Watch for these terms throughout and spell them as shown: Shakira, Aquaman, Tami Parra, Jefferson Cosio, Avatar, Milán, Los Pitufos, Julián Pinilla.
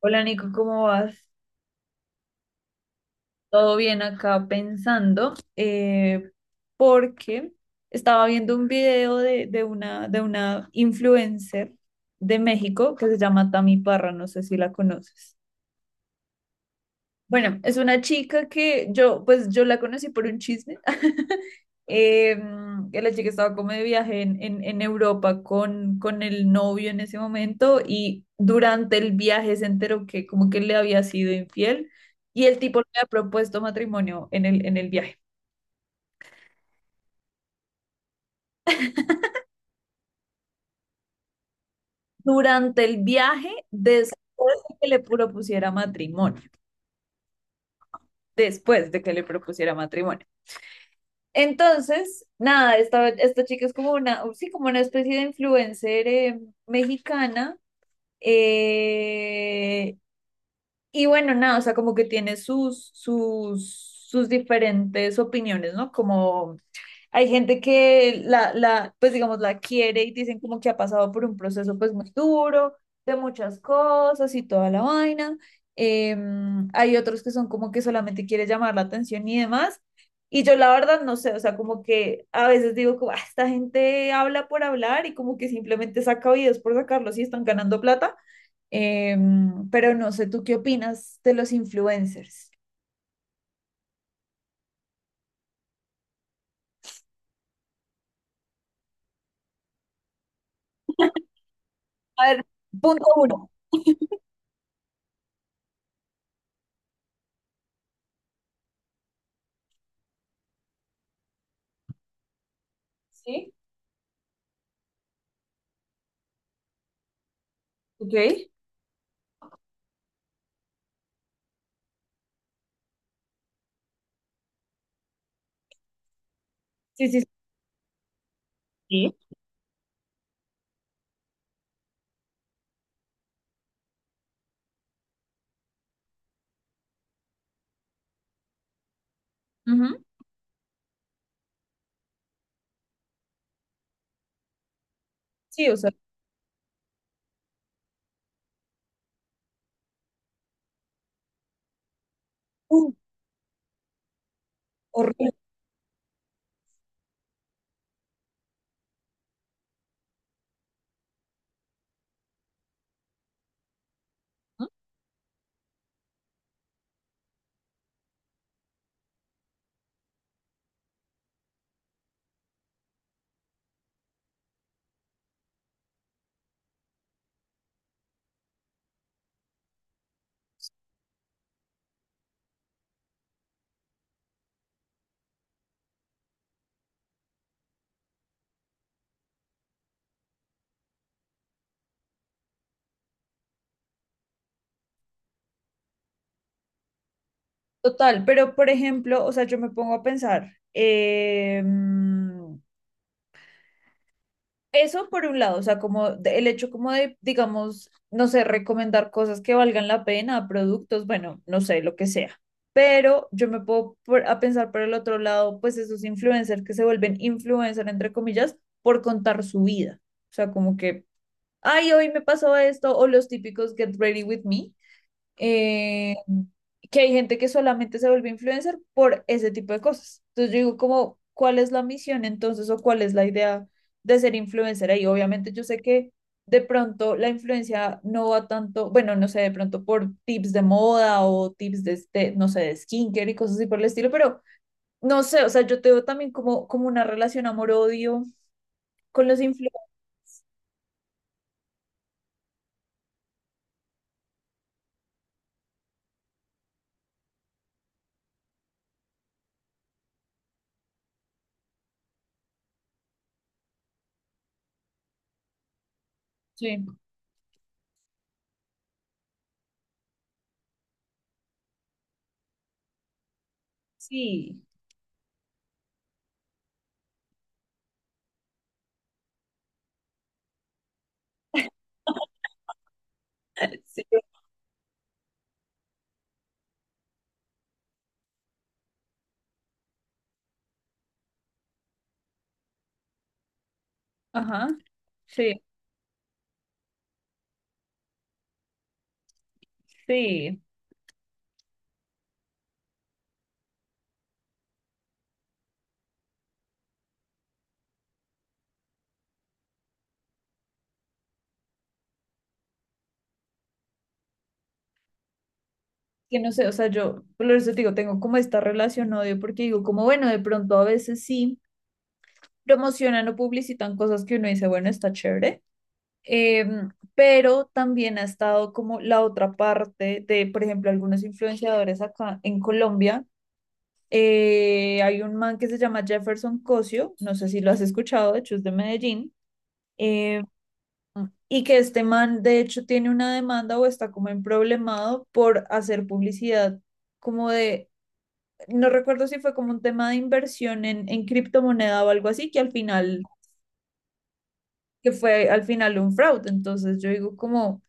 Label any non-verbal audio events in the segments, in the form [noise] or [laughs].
Hola Nico, ¿cómo vas? Todo bien acá pensando, porque estaba viendo un video de una influencer de México que se llama Tami Parra, no sé si la conoces. Bueno, es una chica que yo, pues yo la conocí por un chisme. [laughs] Eh, que la chica estaba como de viaje en Europa con el novio en ese momento y durante el viaje se enteró que como que le había sido infiel y el tipo le había propuesto matrimonio en el viaje. Durante el viaje, después de que le propusiera matrimonio, después de que le propusiera matrimonio. Entonces, nada, esta chica es como una, sí, como una especie de influencer mexicana. eh, y bueno, nada, o sea, como que tiene sus diferentes opiniones, ¿no? Como hay gente que la pues digamos, la quiere y dicen como que ha pasado por un proceso pues muy duro, de muchas cosas y toda la vaina. Hay otros que son como que solamente quiere llamar la atención y demás. Y yo la verdad no sé, o sea, como que a veces digo como, "Ah, esta gente habla por hablar y como que simplemente saca videos por sacarlos y están ganando plata. Pero no sé, ¿tú qué opinas de los influencers? A ver, punto uno. Sí, ok. Sí, sí, sí. Sí. Ujú. Sí, o sea, uh, horrible. ¿No? Total, pero por ejemplo, o sea, yo me pongo a pensar, eso por un lado, o sea, como de- el hecho como de, digamos, no sé, recomendar cosas que valgan la pena, productos, bueno, no sé, lo que sea. Pero yo me puedo por- a pensar por el otro lado, pues esos influencers que se vuelven influencer, entre comillas, por contar su vida. O sea, como que, ay, hoy me pasó esto, o los típicos Get Ready With Me, eh, que hay gente que solamente se vuelve influencer por ese tipo de cosas. Entonces yo digo como, ¿cuál es la misión entonces o cuál es la idea de ser influencer ahí? Obviamente yo sé que de pronto la influencia no va tanto, bueno, no sé, de pronto por tips de moda o tips de, este, no sé, de skincare y cosas así por el estilo, pero no sé, o sea, yo te veo también como, como una relación amor-odio con los influencers. Sí, sí, [laughs] sí. Ajá, sí, sí. Que no sé, o sea, yo, por eso te digo, tengo como esta relación odio, porque digo, como bueno, de pronto a veces sí promocionan o publicitan cosas que uno dice, bueno, está chévere, pero también ha estado como la otra parte de, por ejemplo, algunos influenciadores acá en Colombia. Hay un man que se llama Jefferson Cosio, no sé si lo has escuchado, de hecho es de Medellín, em, y que este man de hecho tiene una demanda o está como en problemado por hacer publicidad como de no recuerdo si fue como un tema de inversión en criptomoneda o algo así, que al final, que fue al final un fraude. Entonces yo digo como,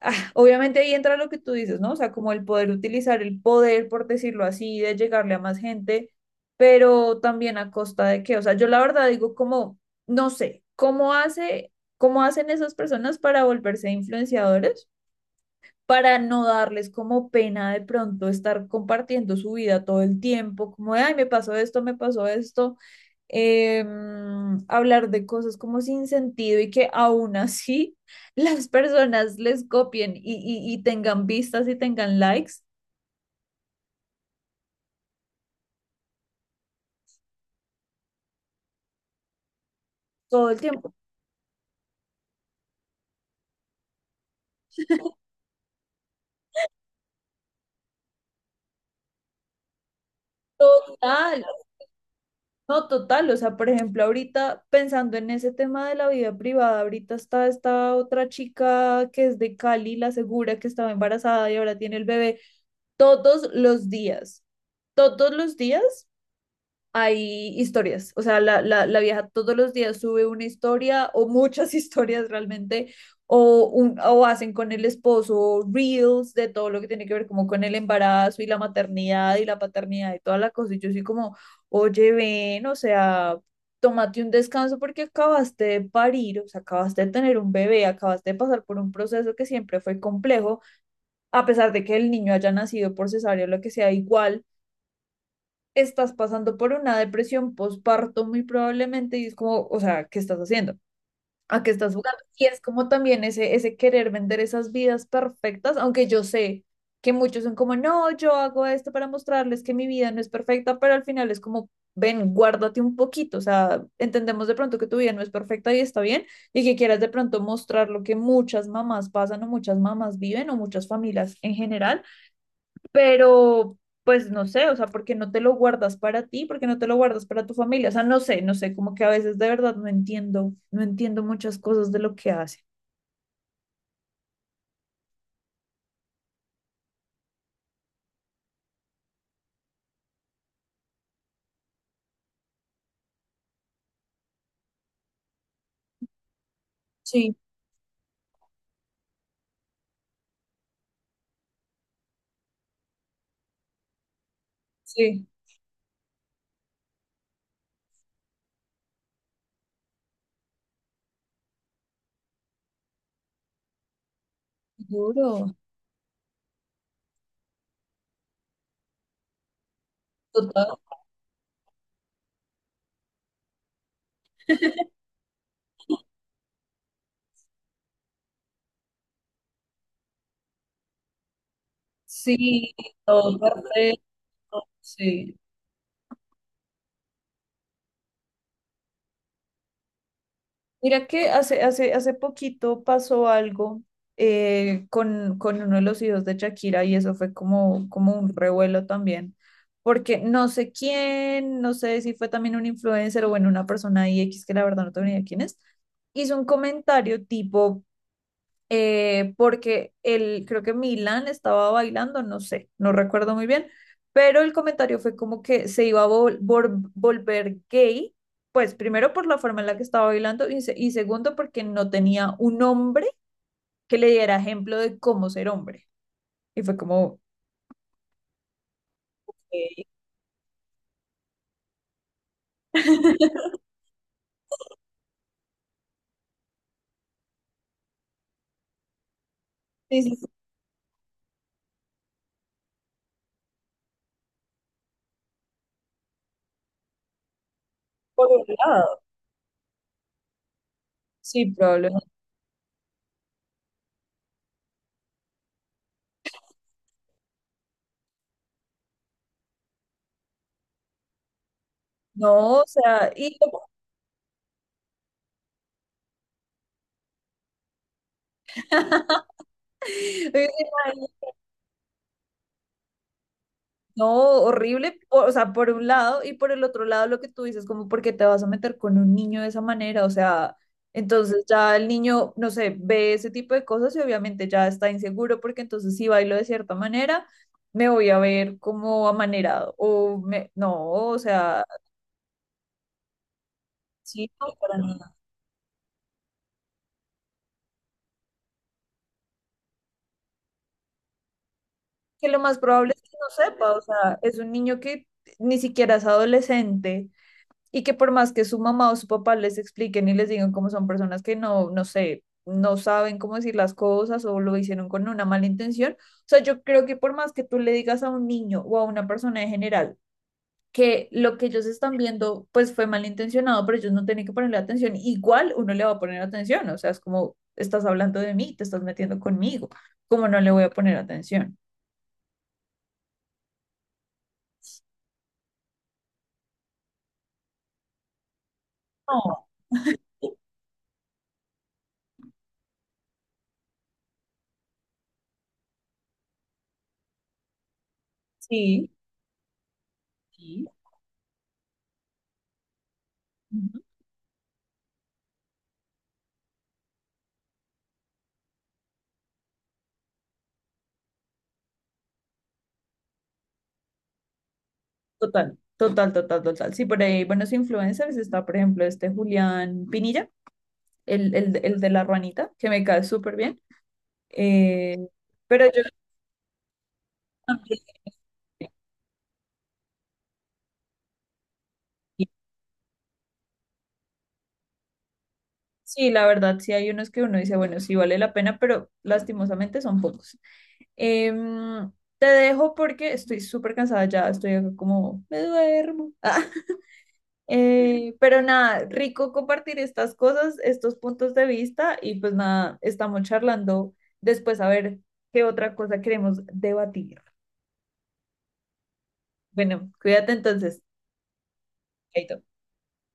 ah, obviamente ahí entra lo que tú dices, ¿no? O sea, como el poder utilizar el poder, por decirlo así, de llegarle a más gente, pero también a costa de qué. O sea, yo la verdad digo como, no sé, ¿cómo hace, cómo hacen esas personas para volverse influenciadores? Para no darles como pena de pronto estar compartiendo su vida todo el tiempo, como, de, ay, me pasó esto, hablar de cosas como sin sentido y que aún así [laughs] las personas les copien y y tengan vistas y tengan likes todo el tiempo. Total, no total. O sea, por ejemplo, ahorita pensando en ese tema de la vida privada, ahorita está esta otra chica que es de Cali, la segura que estaba embarazada y ahora tiene el bebé todos los días. Todos los días hay historias, o sea, la vieja todos los días sube una historia o muchas [laughs] historias realmente, o, un, o hacen con el esposo reels de todo lo que tiene que ver como con el embarazo y la maternidad y la paternidad y toda la cosa. Y yo soy como, oye, ven, o sea, tómate un descanso porque acabaste de parir, o sea, acabaste de tener un bebé, acabaste de pasar por un proceso que siempre fue complejo, a pesar de que el niño haya nacido por cesárea o lo que sea, igual estás pasando por una depresión postparto muy probablemente y es como, o sea, ¿qué estás haciendo? ¿A qué estás jugando? Y es como también ese querer vender esas vidas perfectas, aunque yo sé que muchos son como, no, yo hago esto para mostrarles que mi vida no es perfecta, pero al final es como, ven, guárdate un poquito, o sea, entendemos de pronto que tu vida no es perfecta y está bien, y que quieras de pronto mostrar lo que muchas mamás pasan o muchas mamás viven o muchas familias en general, pero pues no sé, o sea, ¿por qué no te lo guardas para ti? ¿Por qué no te lo guardas para tu familia? O sea, no sé, no sé, como que a veces de verdad no entiendo, no entiendo muchas cosas de lo que hace. Sí, sí, duro, total. Sí, todo perfecto, sí. Mira que hace hace poquito pasó algo con uno de los hijos de Shakira y eso fue como, como un revuelo también, porque no sé quién, no sé si fue también un influencer o bueno, una persona ahí X que la verdad no tengo ni idea quién es, hizo un comentario tipo, porque el, creo que Milán estaba bailando, no sé, no recuerdo muy bien, pero el comentario fue como que se iba a volver gay, pues primero por la forma en la que estaba bailando y, se- y segundo porque no tenía un hombre que le diera ejemplo de cómo ser hombre. Y fue como, "Ok, sí, sí, sí, por un lado, sí, probablemente. No, o sea, y [laughs] no, horrible, o sea, por un lado y por el otro lado lo que tú dices, como porque te vas a meter con un niño de esa manera, o sea, entonces ya el niño, no sé, ve ese tipo de cosas y obviamente ya está inseguro porque entonces si bailo de cierta manera, me voy a ver como amanerado o me, no, o sea, sí, no, para nada. Que lo más probable es que no sepa, o sea, es un niño que ni siquiera es adolescente y que por más que su mamá o su papá les expliquen y les digan cómo son personas que no, no sé, no saben cómo decir las cosas o lo hicieron con una mala intención, o sea, yo creo que por más que tú le digas a un niño o a una persona en general que lo que ellos están viendo pues fue malintencionado, pero ellos no tienen que ponerle atención, igual uno le va a poner atención, o sea, es como estás hablando de mí, te estás metiendo conmigo, cómo no le voy a poner atención. No, sí, sí. Total, total, total, total. Sí, por ahí buenos influencers está, por ejemplo, este Julián Pinilla, el de la ruanita, que me cae súper bien. Eh, pero yo también, sí, sí, la verdad, sí hay unos que uno dice, bueno, sí vale la pena, pero lastimosamente son pocos. Em, Te dejo porque estoy súper cansada ya, estoy acá como, me duermo. [laughs] Pero nada, rico compartir estas cosas, estos puntos de vista y pues nada, estamos charlando después a ver qué otra cosa queremos debatir. Bueno, cuídate entonces. Chaito.